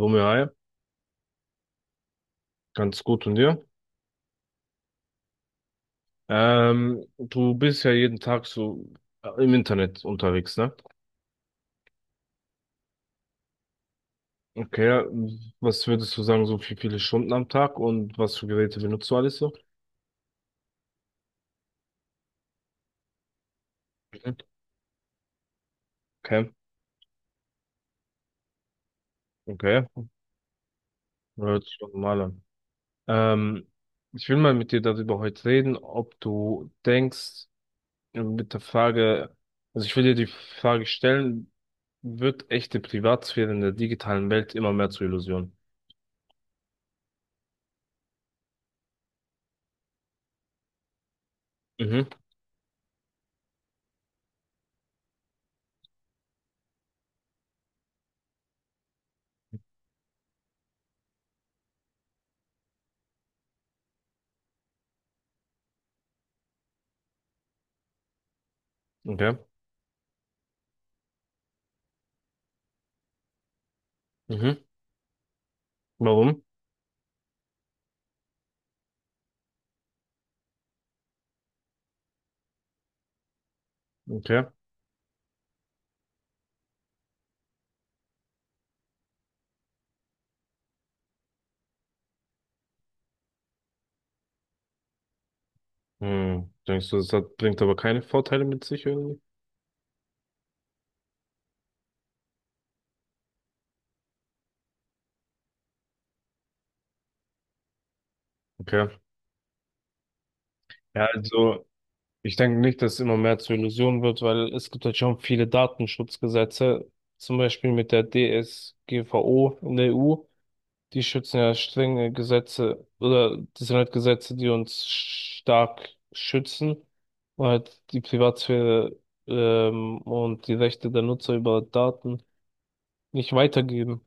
Romeo, hi, ganz gut und dir? Du bist ja jeden Tag so im Internet unterwegs, ne? Okay, ja, was würdest du sagen, so wie viele Stunden am Tag und was für Geräte benutzt du alles so? Okay, okay, ja, hört sich doch normal an. Ähm, Ich will mal mit dir darüber heute reden, ob du denkst, mit der Frage, also ich will dir die Frage stellen, wird echte Privatsphäre in der digitalen Welt immer mehr zur Illusion? Mhm, okay, mhm, warum? Okay. Hm, denkst du, das hat, bringt aber keine Vorteile mit sich irgendwie? Okay. Ja, also ich denke nicht, dass es immer mehr zur Illusion wird, weil es gibt halt schon viele Datenschutzgesetze, zum Beispiel mit der DSGVO in der EU. Die schützen ja strenge Gesetze oder das sind halt Gesetze, die uns stark schützen und halt die Privatsphäre und die Rechte der Nutzer über Daten nicht weitergeben.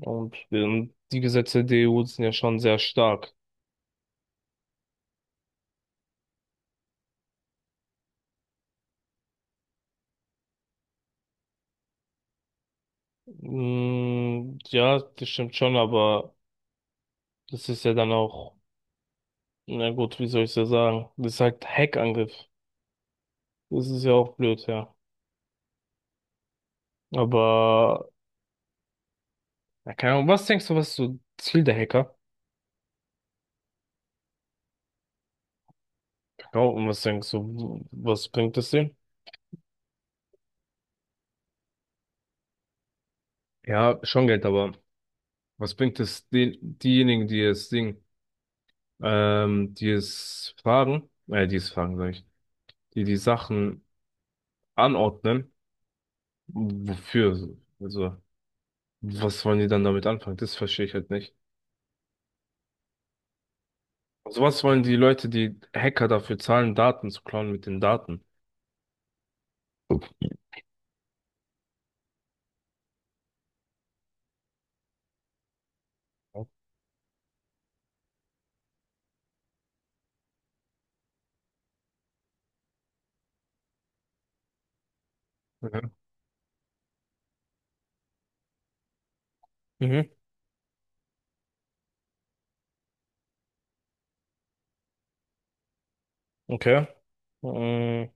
Und die Gesetze der EU sind ja schon sehr stark. Mm, ja, das stimmt schon, aber das ist ja dann auch, na gut, wie soll ich ja sagen? Das ist halt Hackangriff. Das ist ja auch blöd, ja. Aber, ja, keine Ahnung, was denkst du, was ist so Ziel der Hacker? Genau, und was denkst du, was bringt das denen? Ja, schon Geld, aber was bringt es den, diejenigen, die es Ding, die es fragen, sag ich, die die Sachen anordnen, wofür? Also, was wollen die dann damit anfangen? Das verstehe ich halt nicht. Sowas wollen die Leute, die Hacker dafür zahlen, Daten zu klauen mit den Daten. Mhm. Mhm. Okay. Ähm,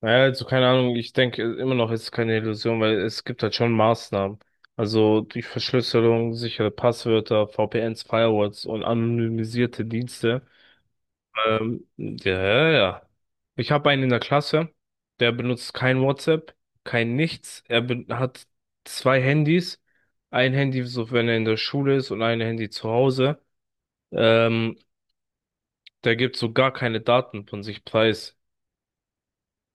naja, also keine Ahnung, ich denke immer noch, es ist keine Illusion, weil es gibt halt schon Maßnahmen. Also die Verschlüsselung, sichere Passwörter, VPNs, Firewalls und anonymisierte Dienste. Ja, ja, ja. Ich habe einen in der Klasse, der benutzt kein WhatsApp, kein nichts. Hat zwei Handys. Ein Handy, so wenn er in der Schule ist und ein Handy zu Hause. Ähm, Der gibt so gar keine Daten von sich preis.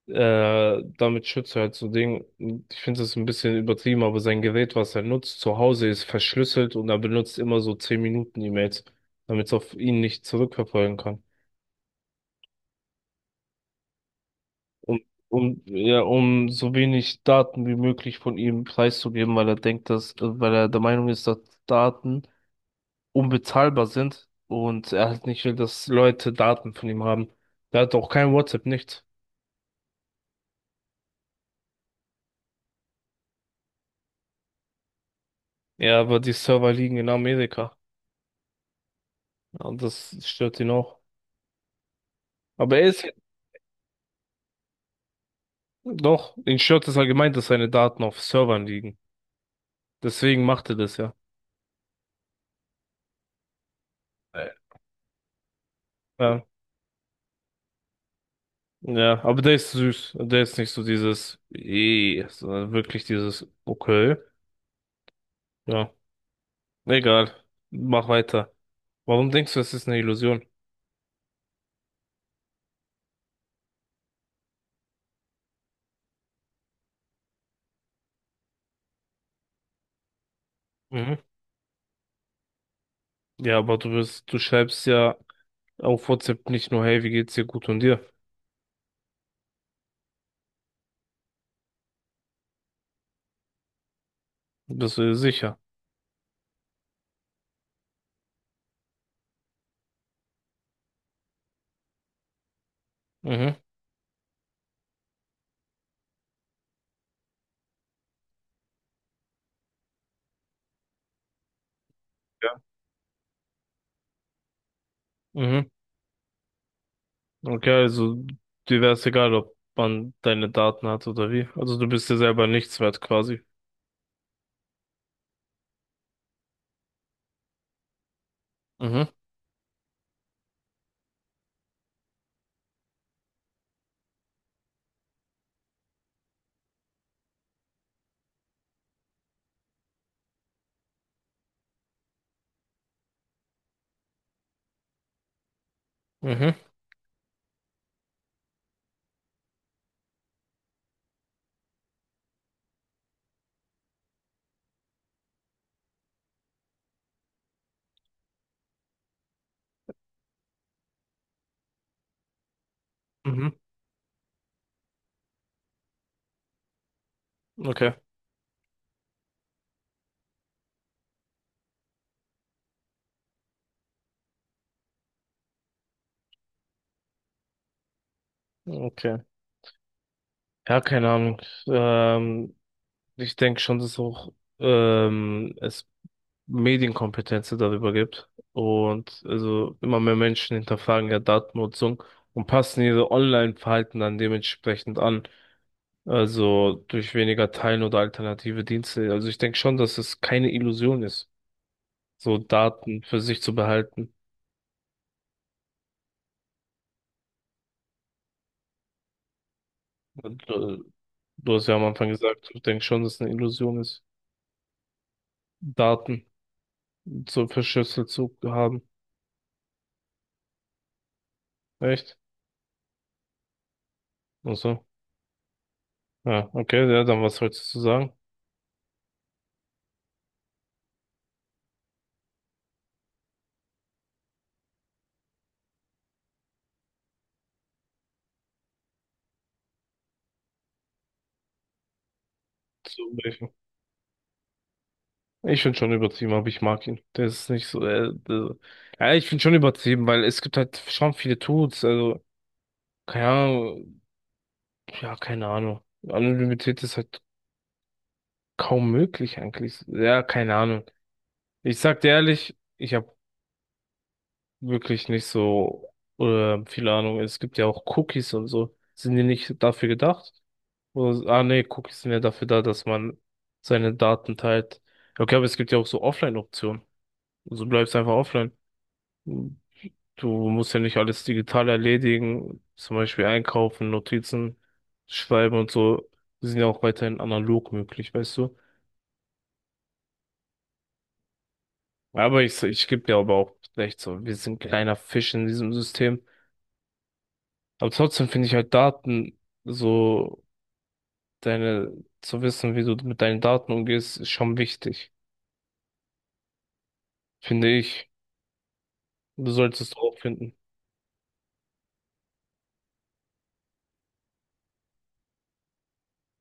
Damit schützt er halt so Ding. Ich finde das ein bisschen übertrieben, aber sein Gerät, was er nutzt, zu Hause ist verschlüsselt und er benutzt immer so 10 Minuten E-Mails, damit es auf ihn nicht zurückverfolgen kann. um, ja, um so wenig Daten wie möglich von ihm preiszugeben, weil er denkt, dass, weil er der Meinung ist, dass Daten unbezahlbar sind und er halt nicht will, dass Leute Daten von ihm haben. Er hat auch kein WhatsApp, nichts. Ja, aber die Server liegen in Amerika und das stört ihn auch. Aber er ist doch, ihn stört es allgemein, dass seine Daten auf Servern liegen. Deswegen macht er das ja. Äh, Ja, ja, aber der ist süß. Der ist nicht so dieses, eh, sondern wirklich dieses, okay. Ja, egal. Mach weiter. Warum denkst du, es ist eine Illusion? Mhm. Ja, aber du wirst, du schreibst ja auf WhatsApp nicht nur, hey, wie geht's dir gut und dir? Bist du dir sicher? Mhm. Ja. Mhm. Okay, also dir wäre es egal, ob man deine Daten hat oder wie. Also du bist dir selber nichts wert quasi. Mhm. Mhm. Mhm. Okay. Okay. Ja, keine Ahnung. Ähm, Ich denke schon, dass auch es Medienkompetenz darüber gibt. Und also immer mehr Menschen hinterfragen ja Datennutzung und passen ihre Online-Verhalten dann dementsprechend an. Also durch weniger Teilen oder alternative Dienste. Also ich denke schon, dass es keine Illusion ist, so Daten für sich zu behalten. Und, du hast ja am Anfang gesagt, ich denke schon, dass es eine Illusion ist, Daten so verschlüsselt zu haben. Echt? Also ja, okay, ja, dann was sollst du sagen? Zu welchem? Ich finde schon übertrieben, aber ich mag ihn. Der ist nicht so. Ja, ich finde schon übertrieben, weil es gibt halt schon viele Tuts. Also, keine Ahnung. Ja, keine Ahnung. Anonymität ist halt kaum möglich eigentlich. Ja, keine Ahnung. Ich sag dir ehrlich, ich habe wirklich nicht so viel Ahnung. Es gibt ja auch Cookies und so. Sind die nicht dafür gedacht? Oder, ah, nee, Cookies sind ja dafür da, dass man seine Daten teilt. Okay, aber es gibt ja auch so Offline-Optionen. Also bleibst einfach offline. Du musst ja nicht alles digital erledigen, zum Beispiel einkaufen, Notizen schreiben und so, die sind ja auch weiterhin analog möglich, weißt du. Aber ich gebe dir aber auch recht, so, wir sind ein kleiner Fisch in diesem System. Aber trotzdem finde ich halt Daten, so deine, zu wissen, wie du mit deinen Daten umgehst, ist schon wichtig, finde ich. Du solltest es auch finden.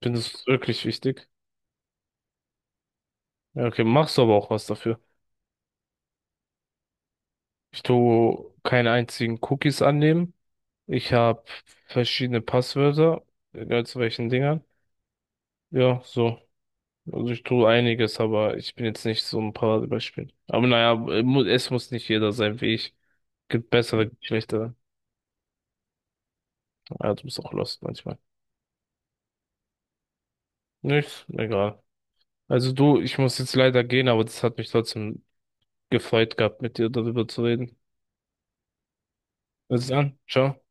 Findest du es wirklich wichtig? Ja, okay, machst du aber auch was dafür. Ich tue keine einzigen Cookies annehmen. Ich habe verschiedene Passwörter egal zu welchen Dingern. Ja, so. Also ich tue einiges, aber ich bin jetzt nicht so ein Paradebeispiel. Aber naja, es muss nicht jeder sein wie ich. Gibt bessere, gibt schlechtere. Ja, du bist auch lost manchmal. Nichts, egal. Also du, ich muss jetzt leider gehen, aber das hat mich trotzdem gefreut gehabt, mit dir darüber zu reden. Bis dann, ciao.